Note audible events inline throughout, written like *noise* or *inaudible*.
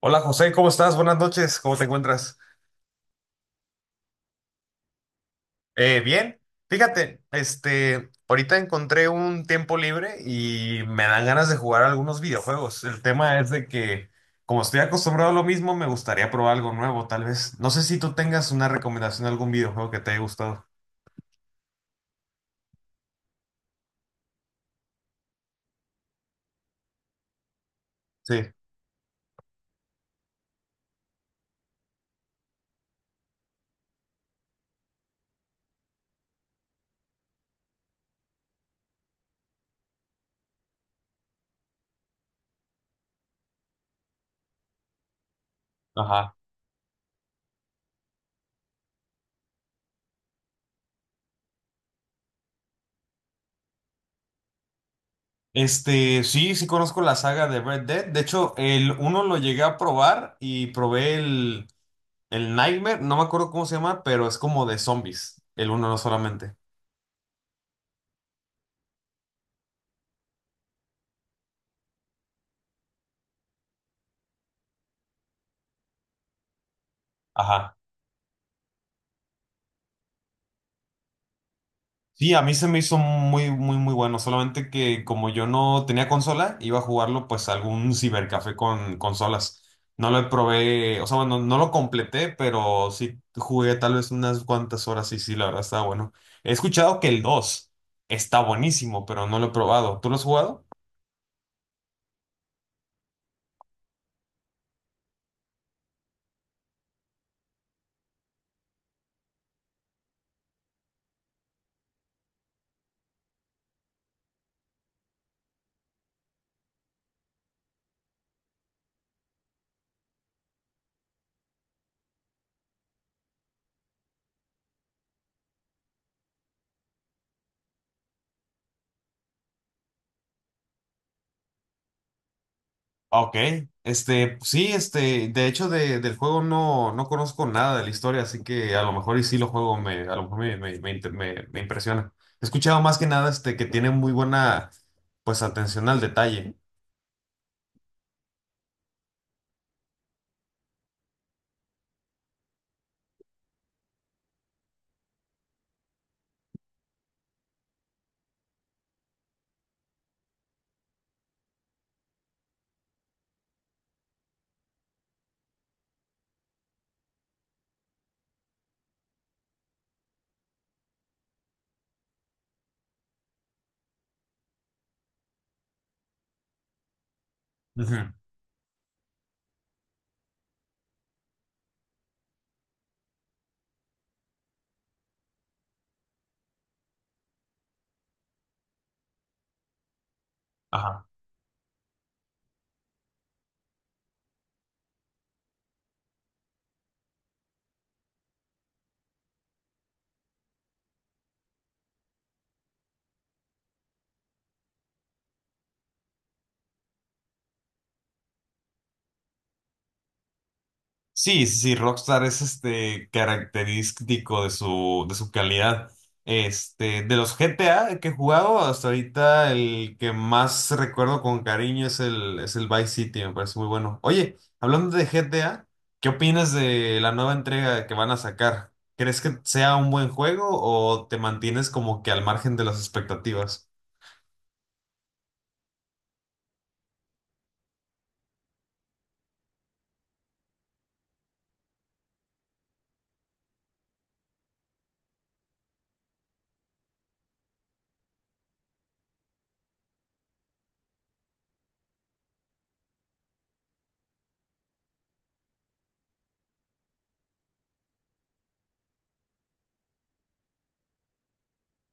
Hola José, ¿cómo estás? Buenas noches, ¿cómo te encuentras? Bien, fíjate, este, ahorita encontré un tiempo libre y me dan ganas de jugar algunos videojuegos. El tema es de que, como estoy acostumbrado a lo mismo, me gustaría probar algo nuevo, tal vez. No sé si tú tengas una recomendación de algún videojuego que te haya gustado. Sí, ajá. Este, sí, sí conozco la saga de Red Dead. De hecho, el uno lo llegué a probar y probé el Nightmare, no me acuerdo cómo se llama, pero es como de zombies, el uno no solamente. Ajá. Sí, a mí se me hizo muy, muy, muy bueno. Solamente que como yo no tenía consola, iba a jugarlo pues a algún cibercafé con consolas. No lo probé, o sea, bueno, no lo completé, pero sí jugué tal vez unas cuantas horas y sí, la verdad está bueno. He escuchado que el 2 está buenísimo, pero no lo he probado. ¿Tú lo has jugado? Ok, este, sí, este, de hecho del juego no, no conozco nada de la historia, así que a lo mejor y sí lo juego, me, a lo mejor me, me, me, inter- me- me impresiona. He escuchado más que nada este, que tiene muy buena, pues, atención al detalle. Ujú. Ajá. Sí, sí, sí, Rockstar es este característico de su calidad. Este, de los GTA que he jugado hasta ahorita, el que más recuerdo con cariño es el Vice City, me parece muy bueno. Oye, hablando de GTA, ¿qué opinas de la nueva entrega que van a sacar? ¿Crees que sea un buen juego o te mantienes como que al margen de las expectativas?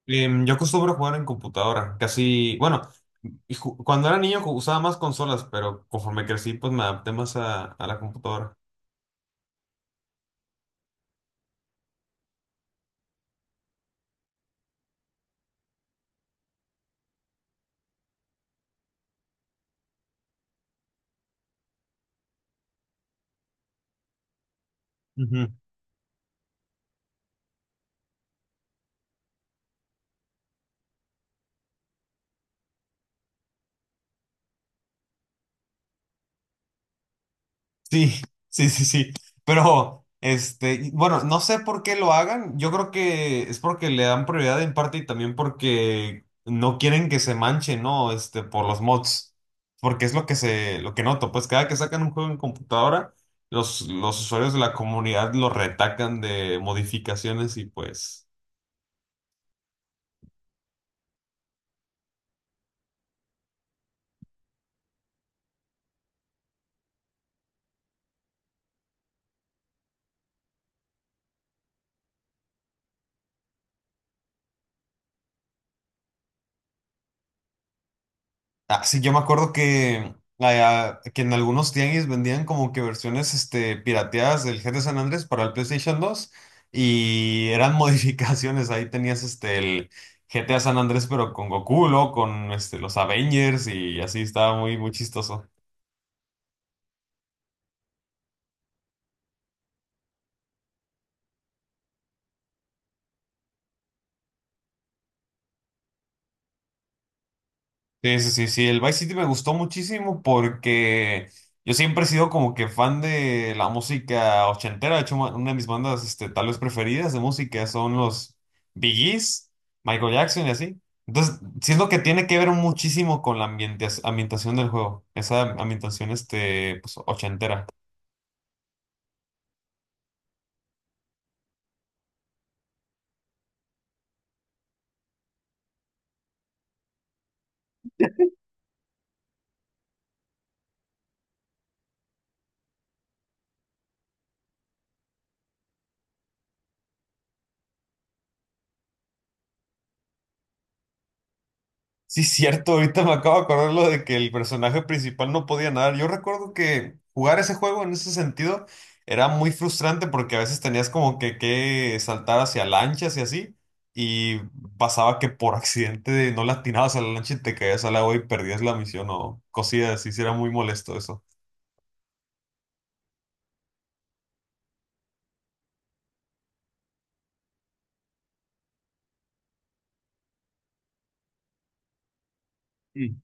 Yo acostumbro jugar en computadora, casi, bueno, y cuando era niño usaba más consolas, pero conforme crecí, pues me adapté más a la computadora. Ujú. Sí, *laughs* sí, sí, sí. Pero, este, y bueno, no sé por qué lo hagan. Yo creo que es porque le dan prioridad en parte y también porque no quieren que se manche, ¿no? Este, por los mods. Porque es lo que lo que noto. Pues cada que sacan un juego en computadora, los usuarios de la comunidad lo retacan de modificaciones y pues. Ah, sí, yo me acuerdo que en algunos tianguis vendían como que versiones este, pirateadas del GTA San Andrés para el PlayStation 2 y eran *laughs* modificaciones. Ahí tenías este, el GTA San Andrés, pero con Goku, luego con este, los Avengers y así estaba muy, muy chistoso. Sí, sí, sí, sí, el Vice City me gustó muchísimo porque yo siempre he sido como que fan de la música ochentera, de hecho una de mis bandas este, tal vez preferidas de música son los Bee Gees, Michael Jackson y así. Entonces, siento que tiene que ver muchísimo con la ambientación del juego, esa ambientación este, pues, ochentera. Sí, cierto, ahorita me acabo de acordar lo de que el personaje principal no podía nadar. Yo recuerdo que jugar ese juego en ese sentido era muy frustrante porque a veces tenías como que saltar hacia lanchas y así, y pasaba que por *laughs* accidente no le atinabas a la lancha y te caías al agua y perdías la misión o cosillas así, sí era muy molesto eso. Sí.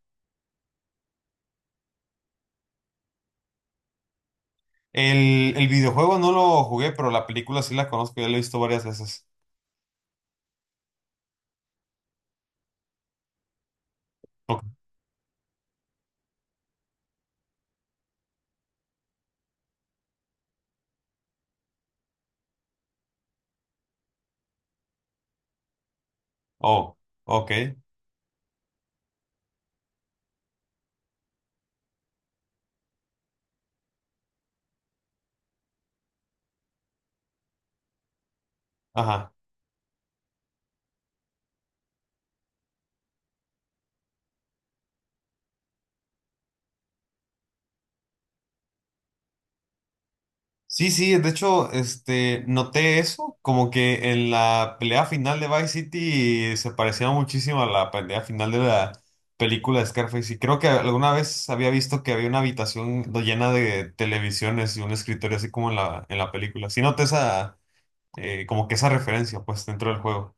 El videojuego no lo jugué, pero la película sí la conozco, ya la he visto varias veces. Ok. Oh, ok, ajá. Sí, sí, de hecho, este, noté eso, como que en la pelea final de Vice City se parecía muchísimo a la pelea final de la película de Scarface. Y creo que alguna vez había visto que había una habitación llena de televisiones y un escritorio así como en la película. Sí noté esa, como que esa referencia, pues, dentro del juego.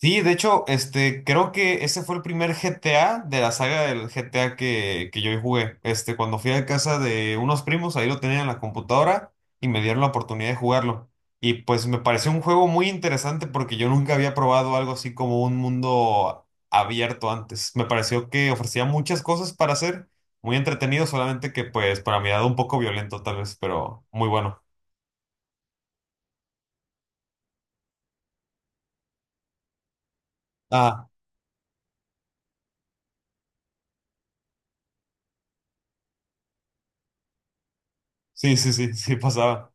Sí, de hecho, este, creo que ese fue el primer GTA de la saga del GTA que yo jugué. Este, cuando fui a casa de unos primos, ahí lo tenían en la computadora y me dieron la oportunidad de jugarlo. Y pues me pareció un juego muy interesante porque yo nunca había probado algo así como un mundo abierto antes. Me pareció que ofrecía muchas cosas para hacer, muy entretenido, solamente que pues para mi edad un poco violento tal vez, pero muy bueno. Ah, sí, sí, sí, *laughs* sí pasaba.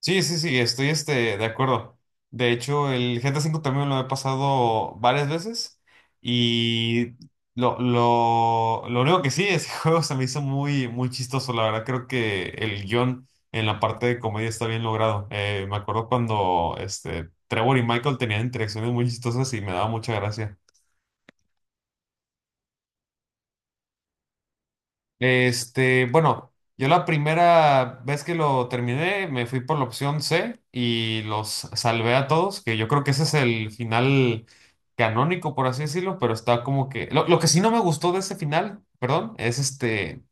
Sí, sí, sí, estoy este, de acuerdo. De hecho, el GTA 5 también lo he pasado varias veces y lo único que sí, ese *laughs* juego se me hizo muy, muy chistoso. La verdad, creo que el guión en la parte de comedia está bien logrado. Me acuerdo cuando este, Trevor y Michael tenían interacciones muy chistosas y me daba mucha gracia. Este, bueno, yo la primera vez que lo terminé me fui por la opción C y los salvé a todos, que yo creo que ese es el final canónico, por así decirlo, pero está como que. Lo que sí no me gustó de ese final, perdón, es este,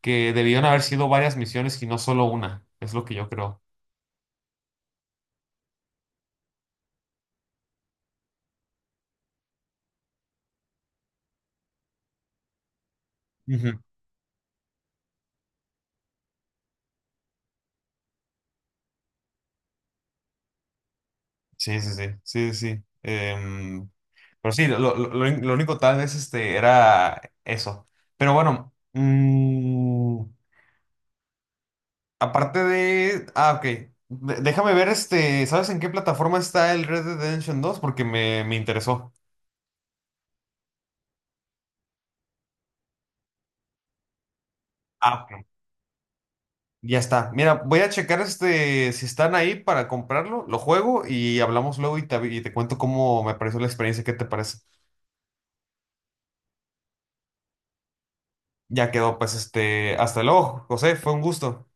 que debieron haber sido varias misiones y no solo una, es lo que yo creo. Ujú. Sí, sí, sí, sí, sí, sí. Pero sí, lo único tal vez este, era eso. Pero bueno. Aparte de. Ah, ok. Déjame ver, este, ¿sabes en qué plataforma está el Red Dead Redemption 2? Porque me interesó. Ah, ok. Ya está. Mira, voy a checar este, si están ahí para comprarlo, lo juego y hablamos luego y y te cuento cómo me pareció la experiencia, ¿qué te parece? Ya quedó, pues, este, hasta luego, José, fue un gusto.